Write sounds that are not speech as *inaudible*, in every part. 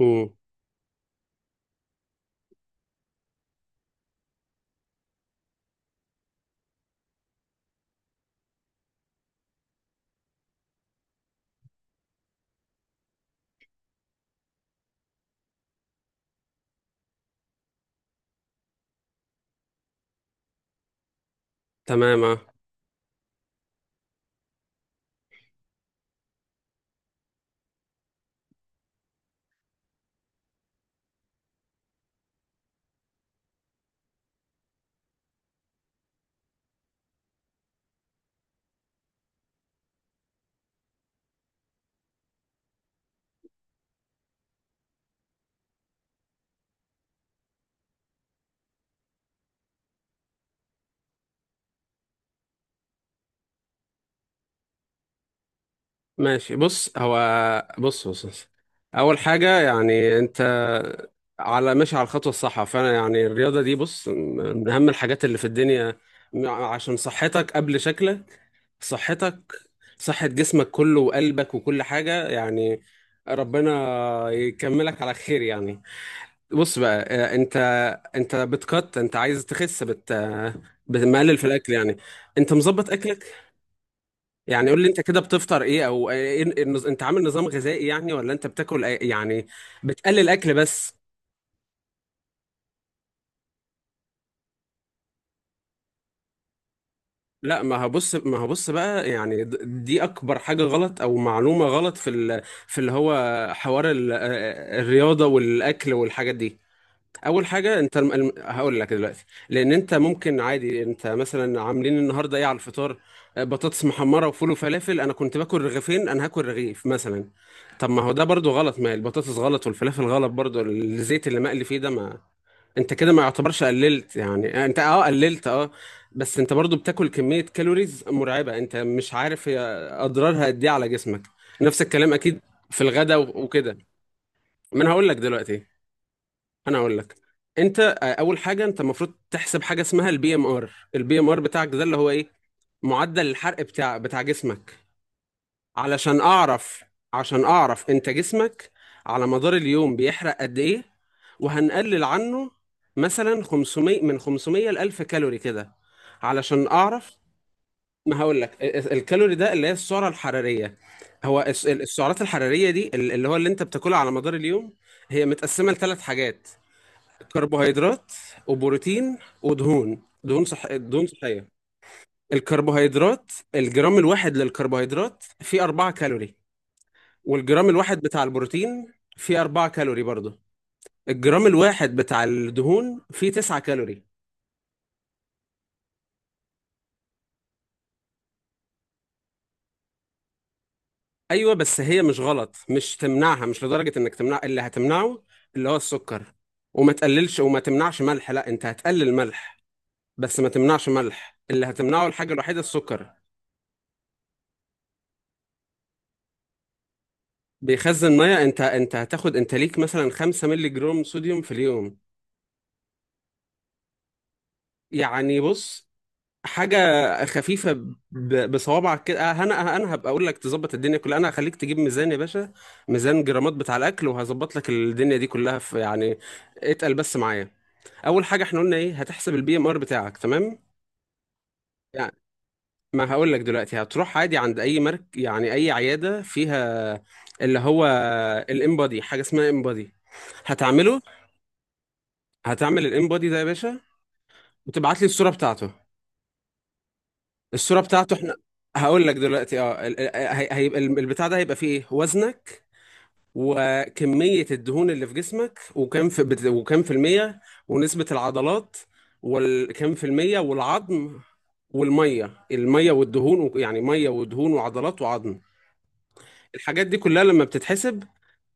امم. تمام آه. ماشي، بص هو. بص بص بص. اول حاجه، يعني انت على ماشي على الخطوه الصح، فانا يعني الرياضه دي، بص، من اهم الحاجات اللي في الدنيا. عشان صحتك قبل شكلك، صحتك، صحه جسمك كله وقلبك وكل حاجه يعني. ربنا يكملك على خير يعني. بص بقى، انت انت بتقط انت عايز تخس بت بتقلل في الاكل يعني. انت مظبط اكلك يعني؟ قول لي انت كده بتفطر ايه، او ايه انت عامل نظام غذائي يعني، ولا انت يعني بتقلل اكل بس؟ لا، ما هبص ما هبص بقى، يعني دي اكبر حاجة غلط او معلومة غلط في في اللي هو حوار الرياضة والاكل والحاجات دي. اول حاجه، انت هقول لك دلوقتي. لان انت ممكن عادي انت مثلا عاملين النهارده ايه على الفطار. بطاطس محمره وفول وفلافل، انا كنت باكل رغيفين، انا هاكل رغيف مثلا. طب ما هو ده برضو غلط، ما البطاطس غلط والفلافل غلط برضو، الزيت اللي مقلي فيه ده ما. انت كده ما يعتبرش قللت، يعني انت اه قللت اه، بس انت برضو بتاكل كمية كالوريز مرعبة. انت مش عارف هي اضرارها قد ايه على جسمك. نفس الكلام اكيد في الغداء وكده. ما انا هقول لك دلوقتي. انا اقول لك، انت اول حاجه انت المفروض تحسب حاجه اسمها البي ام ار. البي ام ار بتاعك ده اللي هو ايه؟ معدل الحرق بتاع جسمك. علشان اعرف، عشان اعرف انت جسمك على مدار اليوم بيحرق قد ايه، وهنقلل عنه مثلا 500، من 500 ل 1000 كالوري كده. علشان اعرف، ما هقول لك الكالوري ده اللي هي السعره الحراريه. هو السعرات الحراريه دي اللي هو اللي انت بتاكلها على مدار اليوم، هي متقسمه لثلاث حاجات: كربوهيدرات وبروتين ودهون. دهون، صح، دهون صحيه. الكربوهيدرات، الجرام الواحد للكربوهيدرات فيه 4 كالوري، والجرام الواحد بتاع البروتين فيه 4 كالوري برضه، الجرام الواحد بتاع الدهون فيه 9 كالوري. ايوه، بس هي مش غلط، مش تمنعها، مش لدرجه انك تمنع. اللي هتمنعه اللي هو السكر. وما تقللش وما تمنعش ملح، لا، انت هتقلل ملح، بس ما تمنعش ملح. اللي هتمنعه الحاجه الوحيده السكر. بيخزن ميه. انت هتاخد انت ليك مثلا 5 مللي جرام صوديوم في اليوم. يعني بص، حاجه خفيفه، بصوابعك كده. أه، انا أه، انا هبقى اقول لك تظبط الدنيا كلها، انا هخليك تجيب ميزان يا باشا، ميزان جرامات بتاع الاكل، وهظبط لك الدنيا دي كلها في يعني. اتقل بس معايا. اول حاجه، احنا قلنا ايه؟ هتحسب البي ام ار بتاعك، تمام؟ يعني ما هقول لك دلوقتي هتروح عادي عند اي مرك، يعني اي عياده فيها اللي هو الامبادي، حاجه اسمها امبادي. هتعمله، هتعمل الانبودي ده يا باشا، وتبعت لي الصوره بتاعته. الصوره بتاعته احنا هقول لك دلوقتي، هيبقى البتاع ده هيبقى فيه ايه: وزنك وكميه الدهون اللي في جسمك، وكم في الميه، ونسبه العضلات وكم في الميه، والعظم. والميه والدهون يعني ميه ودهون وعضلات وعظم. الحاجات دي كلها لما بتتحسب،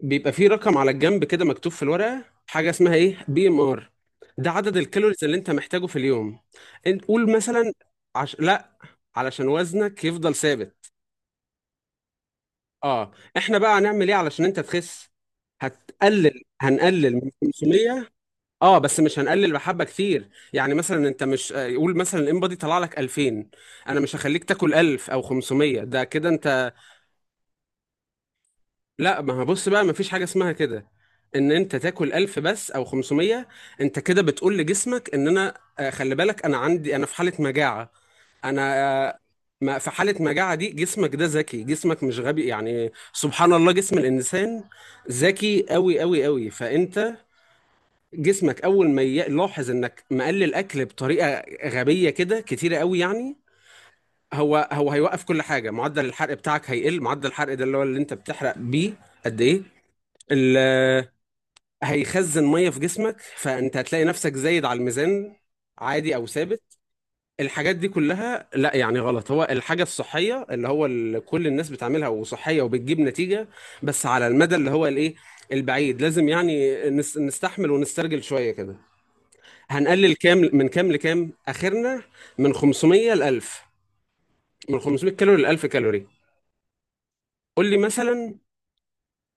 بيبقى فيه رقم على الجنب كده مكتوب في الورقة، حاجة اسمها ايه، بي ام ار. ده عدد الكالوريز اللي انت محتاجه في اليوم. انت قول مثلا، لا، علشان وزنك يفضل ثابت. اه، احنا بقى هنعمل ايه علشان انت تخس؟ هتقلل، هنقلل من 500. اه بس مش هنقلل بحبة كتير، يعني مثلا انت مش، قول مثلا الانبادي طلع لك 2000، انا مش هخليك تاكل 1000 او 500، ده كده انت. لا ما هبص بقى، ما فيش حاجة اسمها كده، ان انت تاكل 1000 بس او 500. انت كده بتقول لجسمك ان انا، خلي بالك، انا عندي، انا في حالة مجاعة. انا آه، ما في حالة مجاعة دي، جسمك ده ذكي، جسمك مش غبي يعني، سبحان الله، جسم الانسان ذكي قوي قوي قوي. فانت جسمك اول ما يلاحظ انك مقلل اكل بطريقة غبية كده كتيرة قوي يعني، هو هيوقف كل حاجة، معدل الحرق بتاعك هيقل، معدل الحرق ده اللي هو اللي انت بتحرق بيه قد ايه. ال- هيخزن ميه في جسمك، فانت هتلاقي نفسك زايد على الميزان عادي، او ثابت. الحاجات دي كلها، لا يعني غلط، هو الحاجه الصحيه اللي هو كل الناس بتعملها وصحيه وبتجيب نتيجه، بس على المدى اللي هو الايه، البعيد، لازم يعني نستحمل ونسترجل شويه كده. هنقلل كام من كام لكام؟ اخرنا من 500 ل 1000، من 500 كالوري ل 1000 كالوري. قول لي مثلا،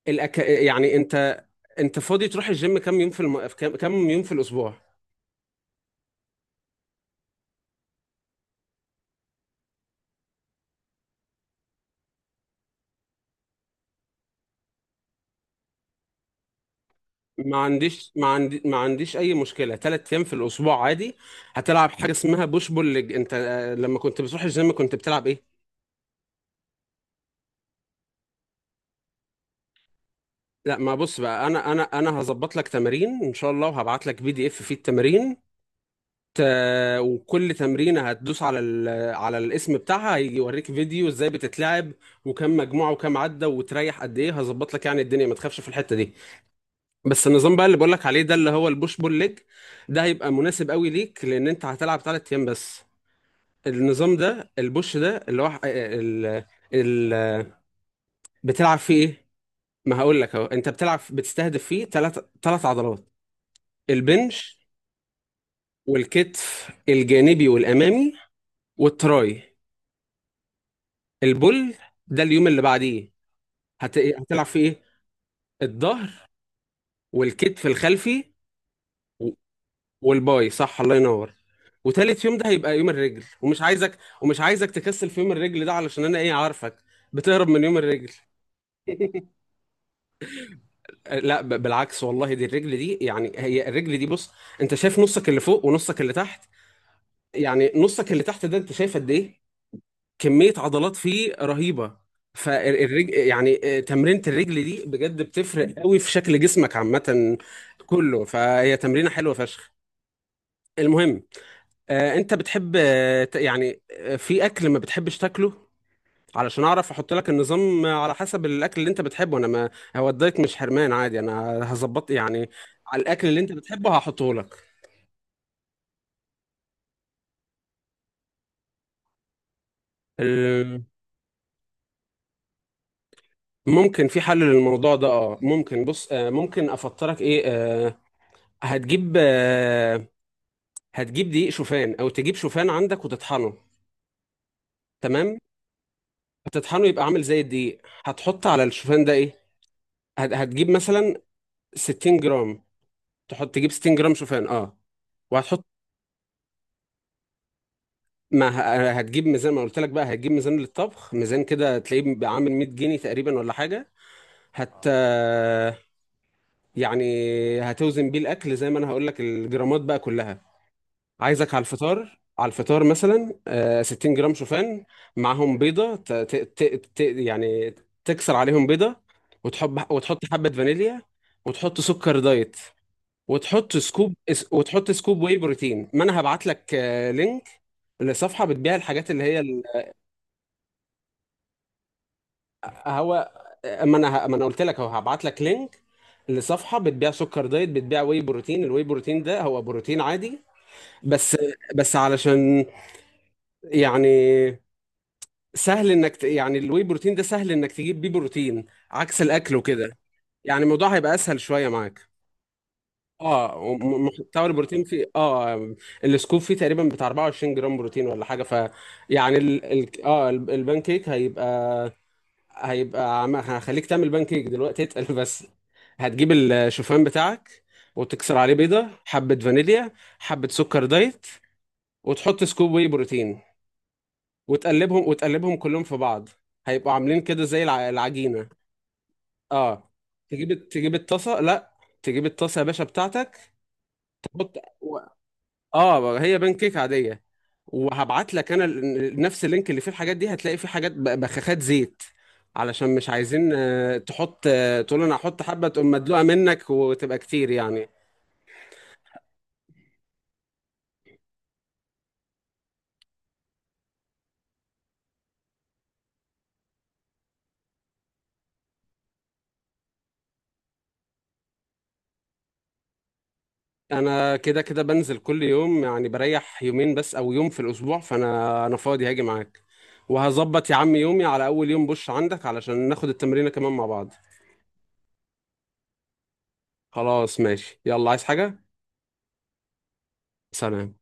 يعني انت، انت فاضي تروح الجيم كام يوم في كام يوم في الاسبوع؟ ما عنديش، ما عندي، ما عنديش اي مشكله، ثلاث ايام في الاسبوع عادي. هتلعب حاجه اسمها بوش بول ليج. انت، لما كنت بتروح الجيم كنت بتلعب ايه؟ لا ما بص بقى، انا هظبط لك تمارين ان شاء الله، وهبعت لك بي دي اف فيه التمارين. ت... وكل تمرينه هتدوس على على الاسم بتاعها، هيجي يوريك فيديو ازاي بتتلعب وكم مجموعه وكم عده وتريح قد ايه. هظبط لك يعني الدنيا، ما تخافش في الحته دي. بس النظام بقى اللي بقول لك عليه ده اللي هو البوش بول ليج، ده هيبقى مناسب قوي ليك، لان انت هتلعب ثلاث ايام بس. النظام ده البوش ده اللي هو ال... بتلعب فيه ايه؟ ما هقول لك اهو، انت بتلعب بتستهدف فيه ثلاث عضلات: البنش والكتف الجانبي والامامي والتراي. البول ده اليوم اللي بعديه، هتلعب فيه ايه؟ الظهر والكتف الخلفي و- والباي، صح، الله ينور. وتالت يوم ده هيبقى يوم الرجل، ومش عايزك تكسل في يوم الرجل ده، علشان انا ايه، عارفك بتهرب من يوم الرجل. *laughs* لا بالعكس والله، دي الرجل دي يعني، هي الرجل دي، بص، انت شايف نصك اللي فوق ونصك اللي تحت؟ يعني نصك اللي تحت ده انت شايف قد ايه كمية عضلات فيه رهيبة. فالرجل يعني، تمرينة الرجل دي بجد بتفرق قوي في شكل جسمك عامة كله. فهي تمرينة حلوة فشخ. المهم، انت بتحب، في اكل ما بتحبش تاكله؟ علشان اعرف احط لك النظام على حسب الاكل اللي انت بتحبه، انا ما، هو الدايت مش حرمان عادي، انا هظبط يعني على الاكل اللي انت بتحبه هحطه لك. ال- ممكن في حل للموضوع ده، اه ممكن، بص، ممكن افطرك ايه، هتجيب آه، هتجيب دقيق شوفان، او تجيب شوفان عندك وتطحنه. تمام، هتطحنه يبقى عامل زي الدقيق، هتحط على الشوفان ده ايه، هتجيب مثلا 60 جرام، تحط تجيب 60 جرام شوفان اه، وهتحط. ما ه- هتجيب ميزان، ما قلت لك بقى، هتجيب ميزان للطبخ، ميزان كده تلاقيه بقى عامل 100 جنيه تقريبا ولا حاجه. هت يعني هتوزن بيه الاكل زي ما انا هقول لك الجرامات بقى كلها. عايزك على الفطار، على الفطار مثلا، 60 جرام شوفان، معاهم بيضه، ت... ت... ت... ت... يعني تكسر عليهم بيضه، وتحط حبه فانيليا، وتحط سكر دايت، وتحط سكوب واي بروتين. ما انا هبعت لك، لينك لصفحه بتبيع الحاجات اللي هي هو. ما انا قلت لك هو هبعت لك لينك لصفحه بتبيع سكر دايت، بتبيع واي بروتين. الواي بروتين ده هو بروتين عادي، بس، بس علشان يعني سهل انك يعني الواي بروتين ده سهل انك تجيب بيه بروتين عكس الاكل وكده، يعني الموضوع هيبقى اسهل شويه معاك. اه محتوى البروتين فيه اه، السكوب فيه تقريبا بتاع 24 جرام بروتين ولا حاجه، ف يعني اه البان كيك هيبقى، هيبقى هخليك تعمل بان كيك دلوقتي. اتقل بس، هتجيب الشوفان بتاعك، وتكسر عليه بيضة، حبة فانيليا، حبة سكر دايت، وتحط سكوب واي بروتين، وتقلبهم، كلهم في بعض، هيبقوا عاملين كده زي العجينة، اه. تجيب الطاسة، لا، تجيب الطاسة يا باشا بتاعتك، تحط، اه، هي بانكيك عاديه. وهبعت لك انا نفس اللينك اللي فيه الحاجات دي، هتلاقي فيه حاجات بخاخات زيت، علشان مش عايزين، آه، تحط آه، تقول انا هحط حبه تقوم مدلوقه منك وتبقى كتير يعني. انا كده كده بنزل كل يوم، يعني بريح يومين بس او يوم في الاسبوع، فانا، فاضي، هاجي معاك وهظبط يا عم يومي على اول يوم بوش عندك علشان ناخد التمرينه كمان مع بعض. خلاص ماشي، يلا، عايز حاجه؟ سلام.